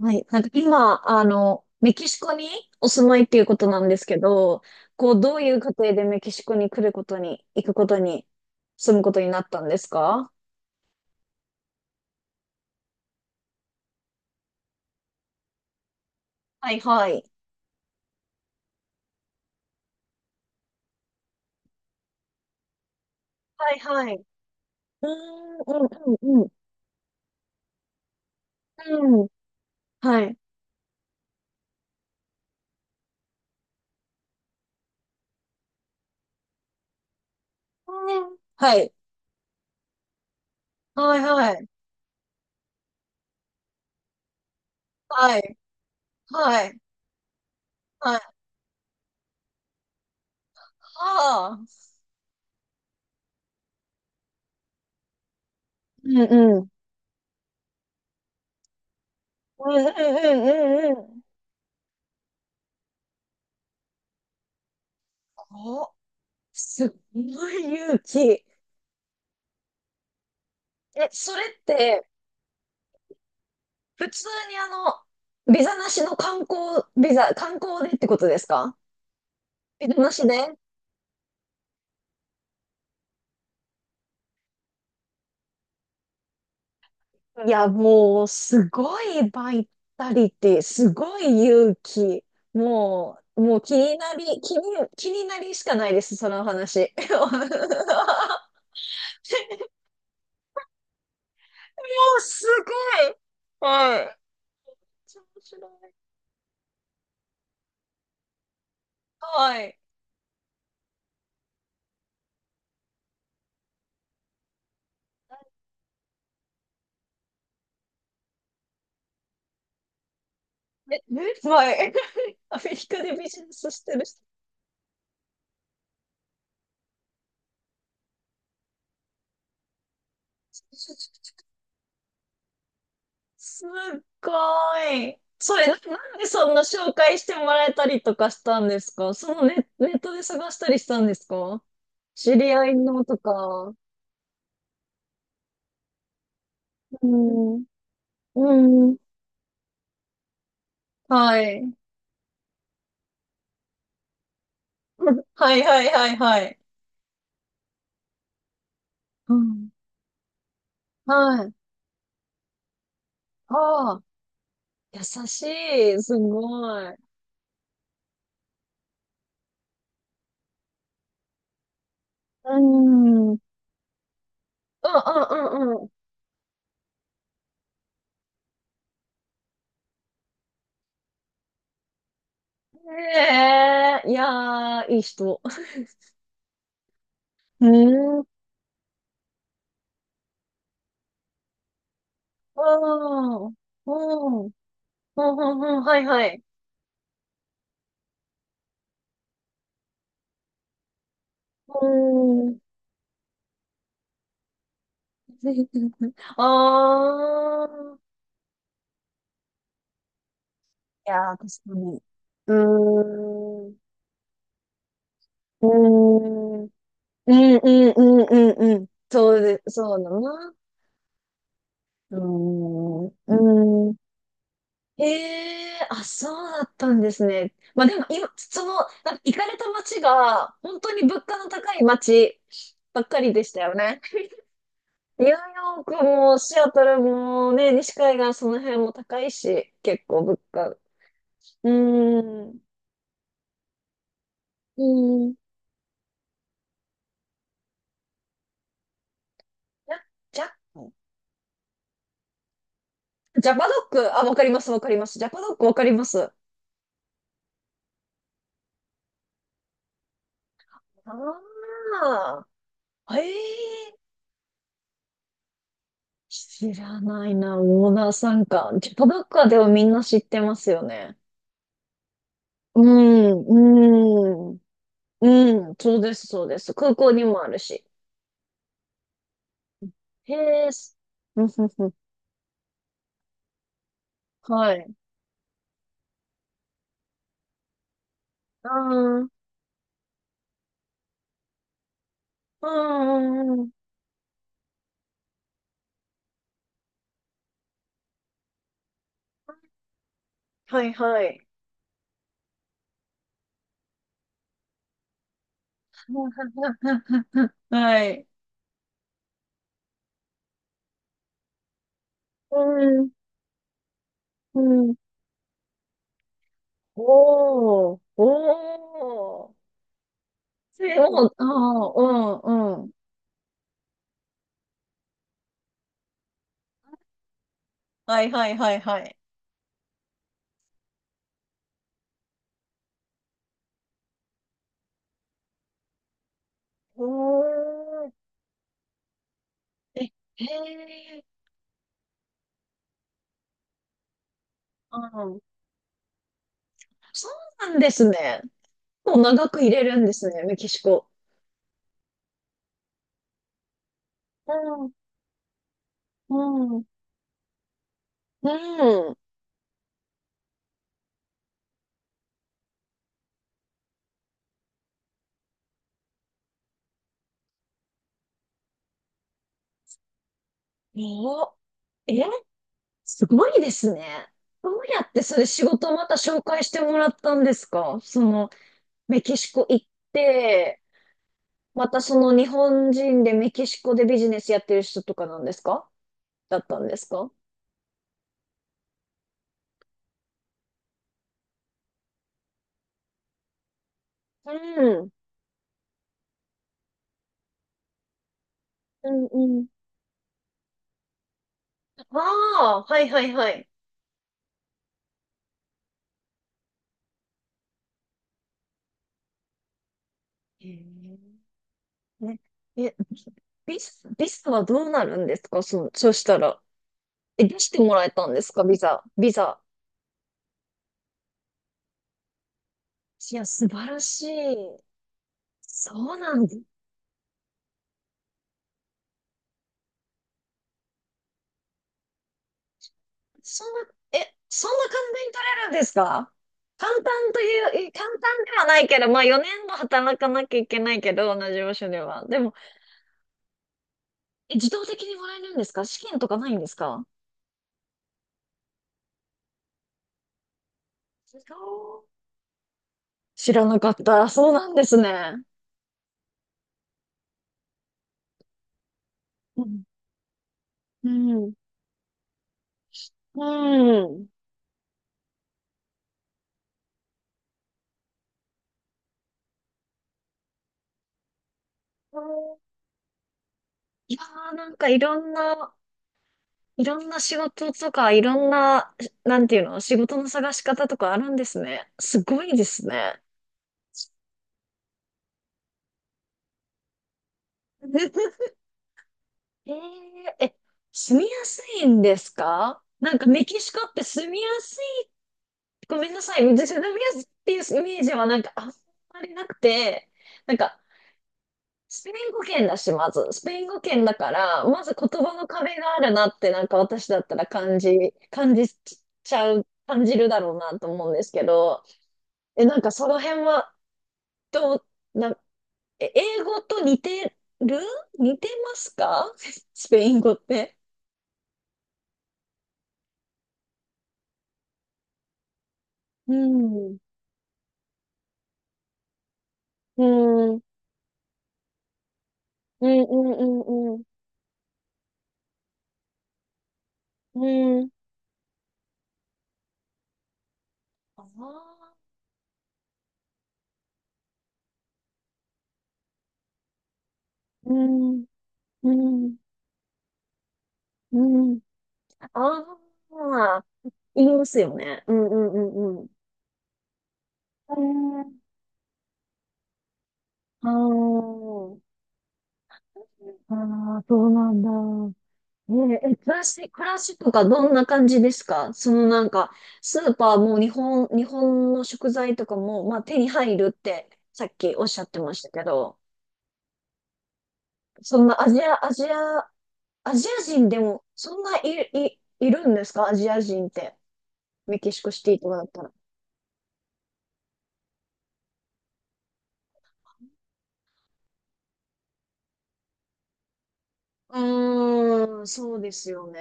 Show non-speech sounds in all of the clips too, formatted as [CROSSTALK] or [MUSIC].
はい。なんか今、メキシコにお住まいっていうことなんですけど、こう、どういう過程でメキシコに来ることに、行くことに、住むことになったんですか？はいはい。はいはい。うーん、うん、うん、うん。うん。はい。うんはい。はいはい。はい。はい。はい。はあ。うんうん。うんうんうんうんうん。お、すごい勇気。え、それって、普通にビザなしの観光、ビザ、観光でってことですか？ビザなしで。いや、もう、すごいバイタリティ、すごい勇気。もう気になり、気に、気になりしかないです、その話。[LAUGHS] お、すごい。はい。面白い。はい。はい。[LAUGHS] アメリカでビジネスしてる人。すっごい。それ、なんでそんな紹介してもらえたりとかしたんですか？そのネットで探したりしたんですか？知り合いのとか。うん。うん。はい。[LAUGHS] はいはいはいはい。うん。はい。ああ、優しい。すごい。うん。うんうんうんうん。ええいやー、いい人。[LAUGHS] うん。うん。うん。うん。うん。うんはいはい。うーん。[LAUGHS] ああ。いやー、確かに。うーん。うーん。うんうんうんうんうん。そうで、そうだな。うーん。うーん。へえ、あ、そうだったんですね。まあでも、今、その、なんか行かれた街が、本当に物価の高い街ばっかりでしたよね。ニューヨークもシアトルもね、西海岸その辺も高いし、結構物価。うーん。うーん。ャ、ジャ、ジャパドック。あ、わかります、わかります。ジャパドックわかります。ああ。ええ、知らないな、オーナーさんか。ジャパドックはでもみんな知ってますよね。うん、うん、うん、そうです、そうです。空港にもあるし。へえ、す、うんふんふん、はい。ああ、うん、うん、はい、はい。[LAUGHS] はい。うん、うん、おー、おー、生お徒。ああ、うん、うん。はいはいはいはい。おー、え、へえ、うん、そうなんですね。もう長く入れるんですね、メキシコ。うん、うん、うん。お、え、すごいですね。どうやってそれ仕事また紹介してもらったんですか？その、メキシコ行って、またその日本人でメキシコでビジネスやってる人とかなんですか？だったんですか？うん。うんうん。ああ、はいはいはい。へえ。ね、え、ビザはどうなるんですか？そ、そしたら。え、出してもらえたんですか？ビザ。いや、素晴らしい。そうなんだ。そんな、え、そんな簡単に取れるんですか？簡単という、え簡単ではないけど、まあ4年も働かなきゃいけないけど、同じ場所では。でも、え、自動的にもらえるんですか？試験とかないんですか？自動、知らなかった。そうなんですね。うん。うん。うん。いやー、なんかいろんな、いろんな仕事とか、いろんな、なんていうの、仕事の探し方とかあるんですね。すごいですね。[LAUGHS] えー、え、住みやすいんですか？なんかメキシコって住みやすい。ごめんなさい。住みやすいっていうイメージはなんかあんまりなくて、なんかスペイン語圏だし、まず。スペイン語圏だから、まず言葉の壁があるなって、なんか私だったら感じ、感じちゃう、感じるだろうなと思うんですけど、え、なんかその辺は、どう、な、え、英語と似てる、似てますか？ [LAUGHS] スペイン語って。うん。うん。うん、うん、うん、うん。ああ。うん。うん。うん。ああ。言いますよね。うん、うん、うん、うん。えー、あーあー、そうなんだ。えー、え、暮らし、暮らしとかどんな感じですか？そのなんか、スーパーも日本、日本の食材とかも、まあ手に入るってさっきおっしゃってましたけど、そんなアジア、アジア、アジア人でもそんないい、い、いるんですか？アジア人って。メキシコシティとかだったら。うーん、そうですよね。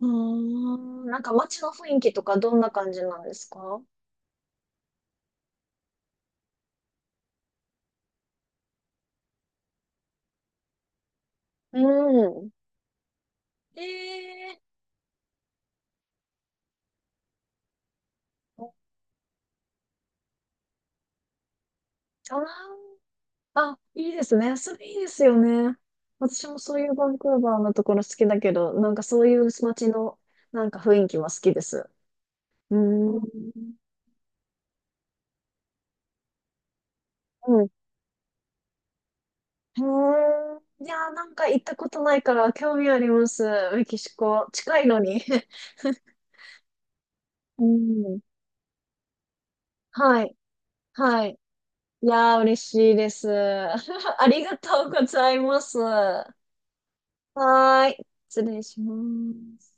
うーん、なんか街の雰囲気とかどんな感じなんですか？うん。ええートラン、あ、いいですね。それいいですよね。私もそういうバンクーバーのところ好きだけど、なんかそういう街のなんか雰囲気は好きです。うーん。うんうん。うーん。いやー、なんか行ったことないから興味あります。メキシコ。近いのに。[LAUGHS] うん。[LAUGHS] はい。はい。いやー、嬉しいです。[LAUGHS] ありがとうございます。はーい。失礼します。